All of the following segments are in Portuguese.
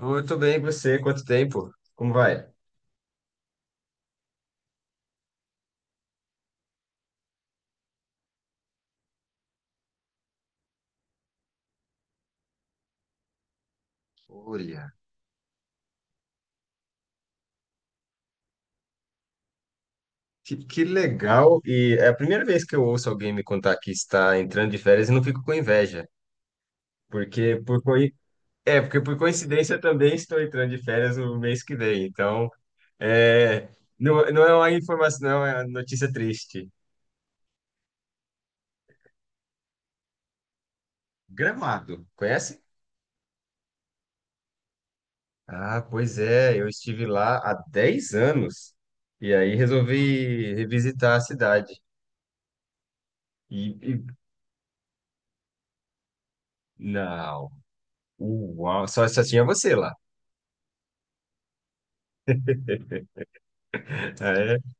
Muito bem, e você? Quanto tempo? Como vai? Olha, Que legal! E é a primeira vez que eu ouço alguém me contar que está entrando de férias e não fico com inveja, porque por coi- porque por coincidência eu também estou entrando de férias no mês que vem. Então, é, não é uma informação, não é uma notícia triste. Gramado, conhece? Ah, pois é, eu estive lá há 10 anos e aí resolvi revisitar a cidade. E, e- não. Uau, só tinha você lá. É,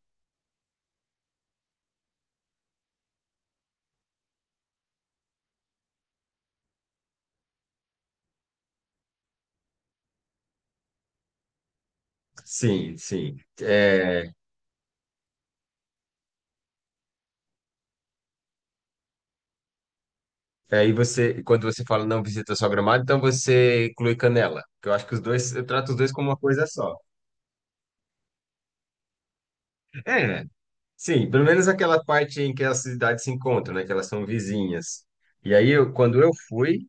sim, sim. É, aí você, quando você fala não visita só Gramado, então você inclui Canela, que eu acho que os dois, eu trato os dois como uma coisa só. É, sim, pelo menos aquela parte em que as cidades se encontram, né, que elas são vizinhas. E aí, eu, quando eu fui,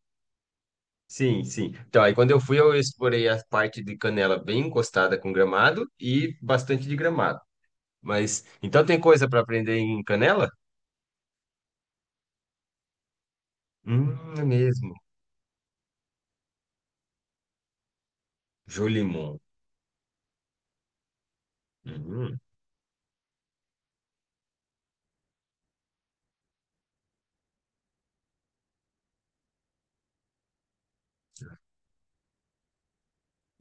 sim, sim. Então, aí quando eu fui, eu explorei a parte de Canela bem encostada com Gramado e bastante de Gramado. Mas, então tem coisa para aprender em Canela? É mesmo. Jolimon. Hum,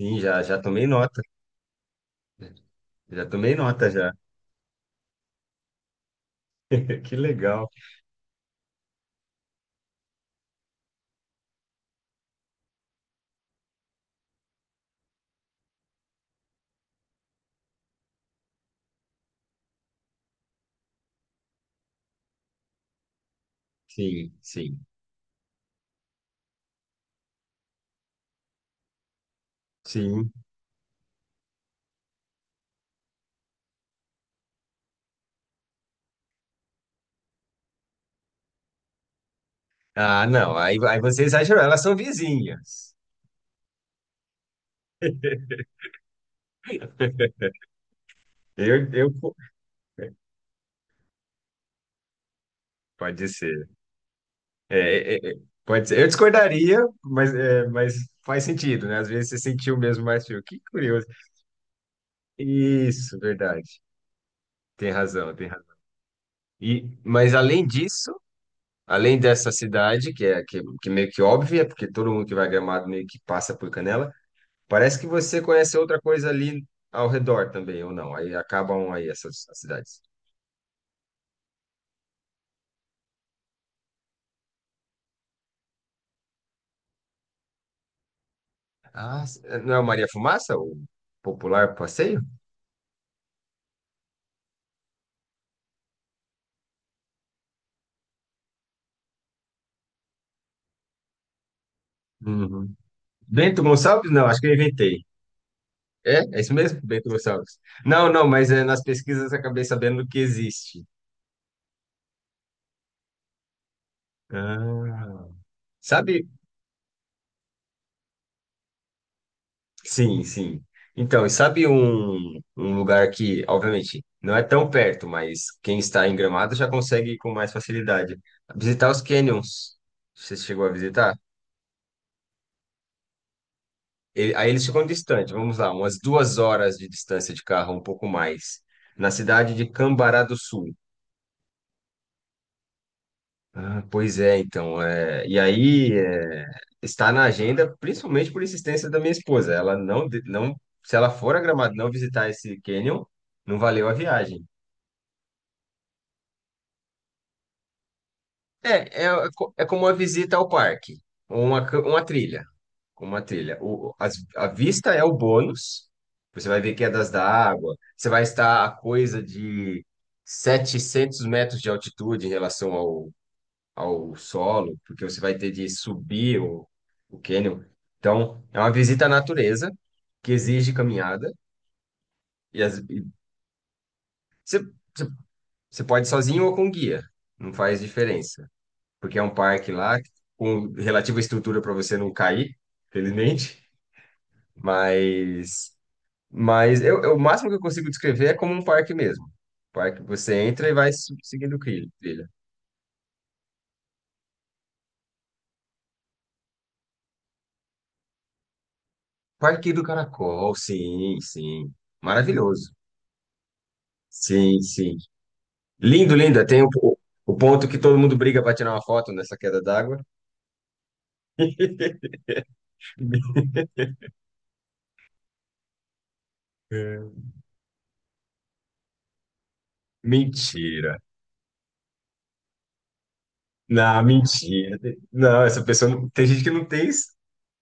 sim, já, já tomei nota. Já tomei nota já. Que legal. Sim, sim, sim. Ah, não, aí, aí você exagerou. Elas são vizinhas. Eu, eu, pode ser. É, é, é, pode ser. Eu discordaria, mas faz sentido, né? Às vezes você sentiu mesmo mais frio. Que curioso. Isso, verdade. Tem razão, tem razão. E, mas além disso, além dessa cidade, que é que meio que óbvia, porque todo mundo que vai a Gramado meio que passa por Canela, parece que você conhece outra coisa ali ao redor também, ou não? Aí acabam aí essas as cidades. Não é o Maria Fumaça, o popular passeio? Uhum. Bento Gonçalves? Não, acho que eu inventei. É? É isso mesmo? Bento Gonçalves. Não, não, mas é, nas pesquisas eu acabei sabendo que existe. Ah. Sabe? Sim, sim. Então, e sabe um lugar que, obviamente, não é tão perto, mas quem está em Gramado já consegue ir com mais facilidade. Visitar os canyons. Você chegou a visitar? Ele- aí eles ficam distantes, vamos lá, umas 2 horas de distância de carro, um pouco mais, na cidade de Cambará do Sul. Ah, pois é, então. E aí é, está na agenda, principalmente por insistência da minha esposa. Ela não, de- Não, se ela for a Gramado e não visitar esse canyon, não valeu a viagem. É como uma visita ao parque, ou uma trilha. Com uma trilha. A vista é o bônus. Você vai ver quedas d'água. Você vai estar a coisa de 700 metros de altitude em relação ao, ao solo, porque você vai ter de subir o cânion. Então, é uma visita à natureza que exige caminhada. E, as, e você, você, você pode ir sozinho ou com guia. Não faz diferença. Porque é um parque lá com relativa estrutura para você não cair, felizmente. Mas. Mas o máximo que eu consigo descrever é como um parque mesmo. Parque, que você entra e vai seguindo o trilha. Parque do Caracol, sim, sim. Maravilhoso. Sim, sim. Lindo, lindo. Tem o ponto que todo mundo briga para tirar uma foto nessa queda d'água. Mentira. Não, mentira. Não, essa pessoa não, tem gente que não tem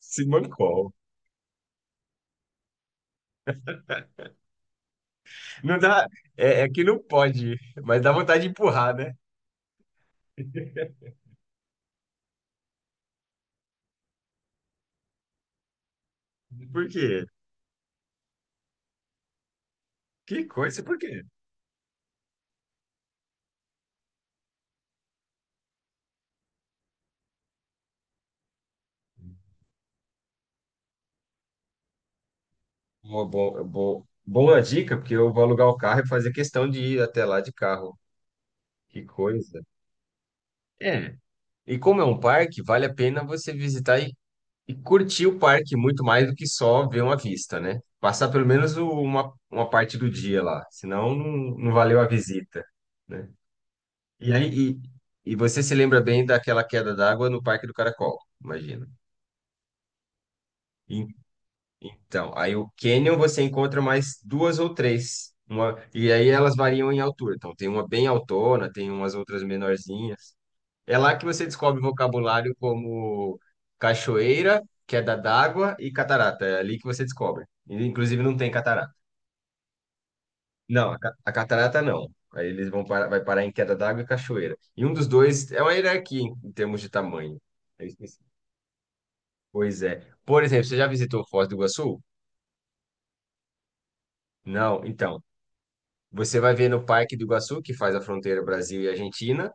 esse mancol. Não dá, é que não pode, mas dá vontade de empurrar, né? Por quê? Que coisa, por quê? Uma boa, boa, boa dica, porque eu vou alugar o carro e fazer questão de ir até lá de carro. Que coisa. É. E como é um parque, vale a pena você visitar e curtir o parque muito mais do que só ver uma vista, né? Passar pelo menos uma parte do dia lá, senão não valeu a visita, né? E aí, e, e você se lembra bem daquela queda d'água no Parque do Caracol, imagina. Então, aí o cânion você encontra mais duas ou três. Uma, e aí elas variam em altura. Então, tem uma bem altona, tem umas outras menorzinhas. É lá que você descobre vocabulário como cachoeira, queda d'água e catarata. É ali que você descobre. E, inclusive, não tem catarata. Não, a, ca- A catarata não. Aí eles vão parar, vai parar em queda d'água e cachoeira. E um dos dois é uma hierarquia em termos de tamanho. Eu esqueci. Pois é. Por exemplo, você já visitou Foz do Iguaçu? Não, então. Você vai ver no Parque do Iguaçu, que faz a fronteira Brasil e Argentina,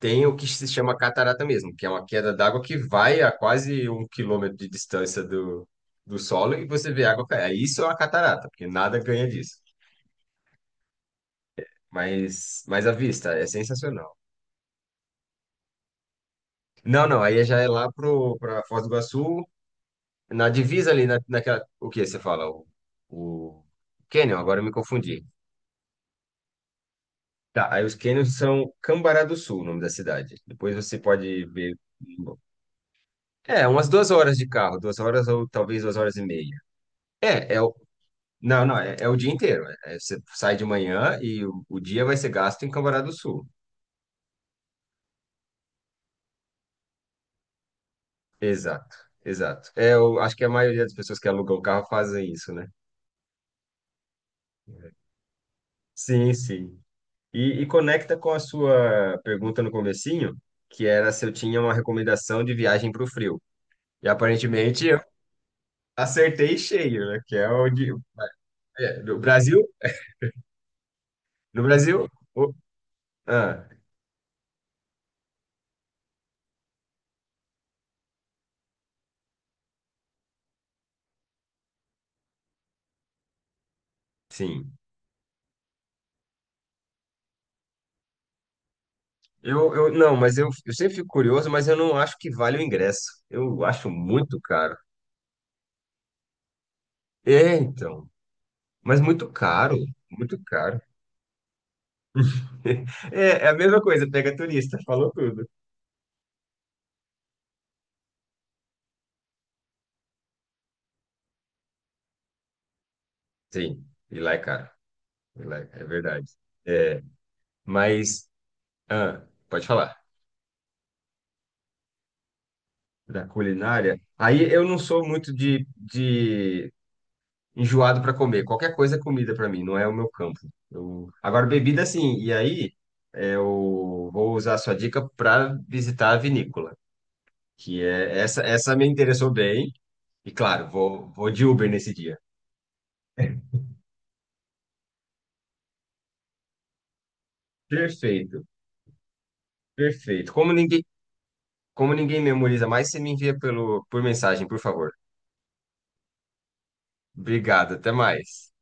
tem o que se chama catarata mesmo, que é uma queda d'água que vai a quase 1 quilômetro de distância do solo e você vê a água cair. Aí isso é uma catarata, porque nada ganha disso. Mas a vista é sensacional. Não, não, aí já é pra Foz do Iguaçu, na divisa ali, naquela. O que você fala? O Canyon, agora eu me confundi. Tá, aí os canyons são Cambará do Sul, o nome da cidade. Depois você pode ver é, umas 2 horas de carro, 2 horas ou talvez 2 horas e meia. É, é o, não, não, é o dia inteiro. Você sai de manhã e o dia vai ser gasto em Cambará do Sul. Exato, exato. É, eu acho que a maioria das pessoas que alugam o carro fazem isso, né? Sim, sim. E conecta com a sua pergunta no comecinho, que era se eu tinha uma recomendação de viagem para o frio. E aparentemente eu acertei cheio, né? Que é onde... É, no Brasil, no Brasil... o- ah, sim. Não, mas eu sempre fico curioso, mas eu não acho que vale o ingresso. Eu acho muito caro. É, então. Mas muito caro, muito caro. É, é a mesma coisa, pega turista, falou tudo. Sim, e lá é caro. E lá é, é verdade. É, mas, ah, pode falar. Da culinária. Aí eu não sou muito de enjoado para comer. Qualquer coisa é comida para mim, não é o meu campo. Agora, bebida, sim. E aí, é, eu vou usar a sua dica para visitar a vinícola, que é essa me interessou bem. E claro, vou de Uber nesse dia. Perfeito, perfeito. Como ninguém memoriza mais, você me envia por mensagem, por favor. Obrigado, até mais.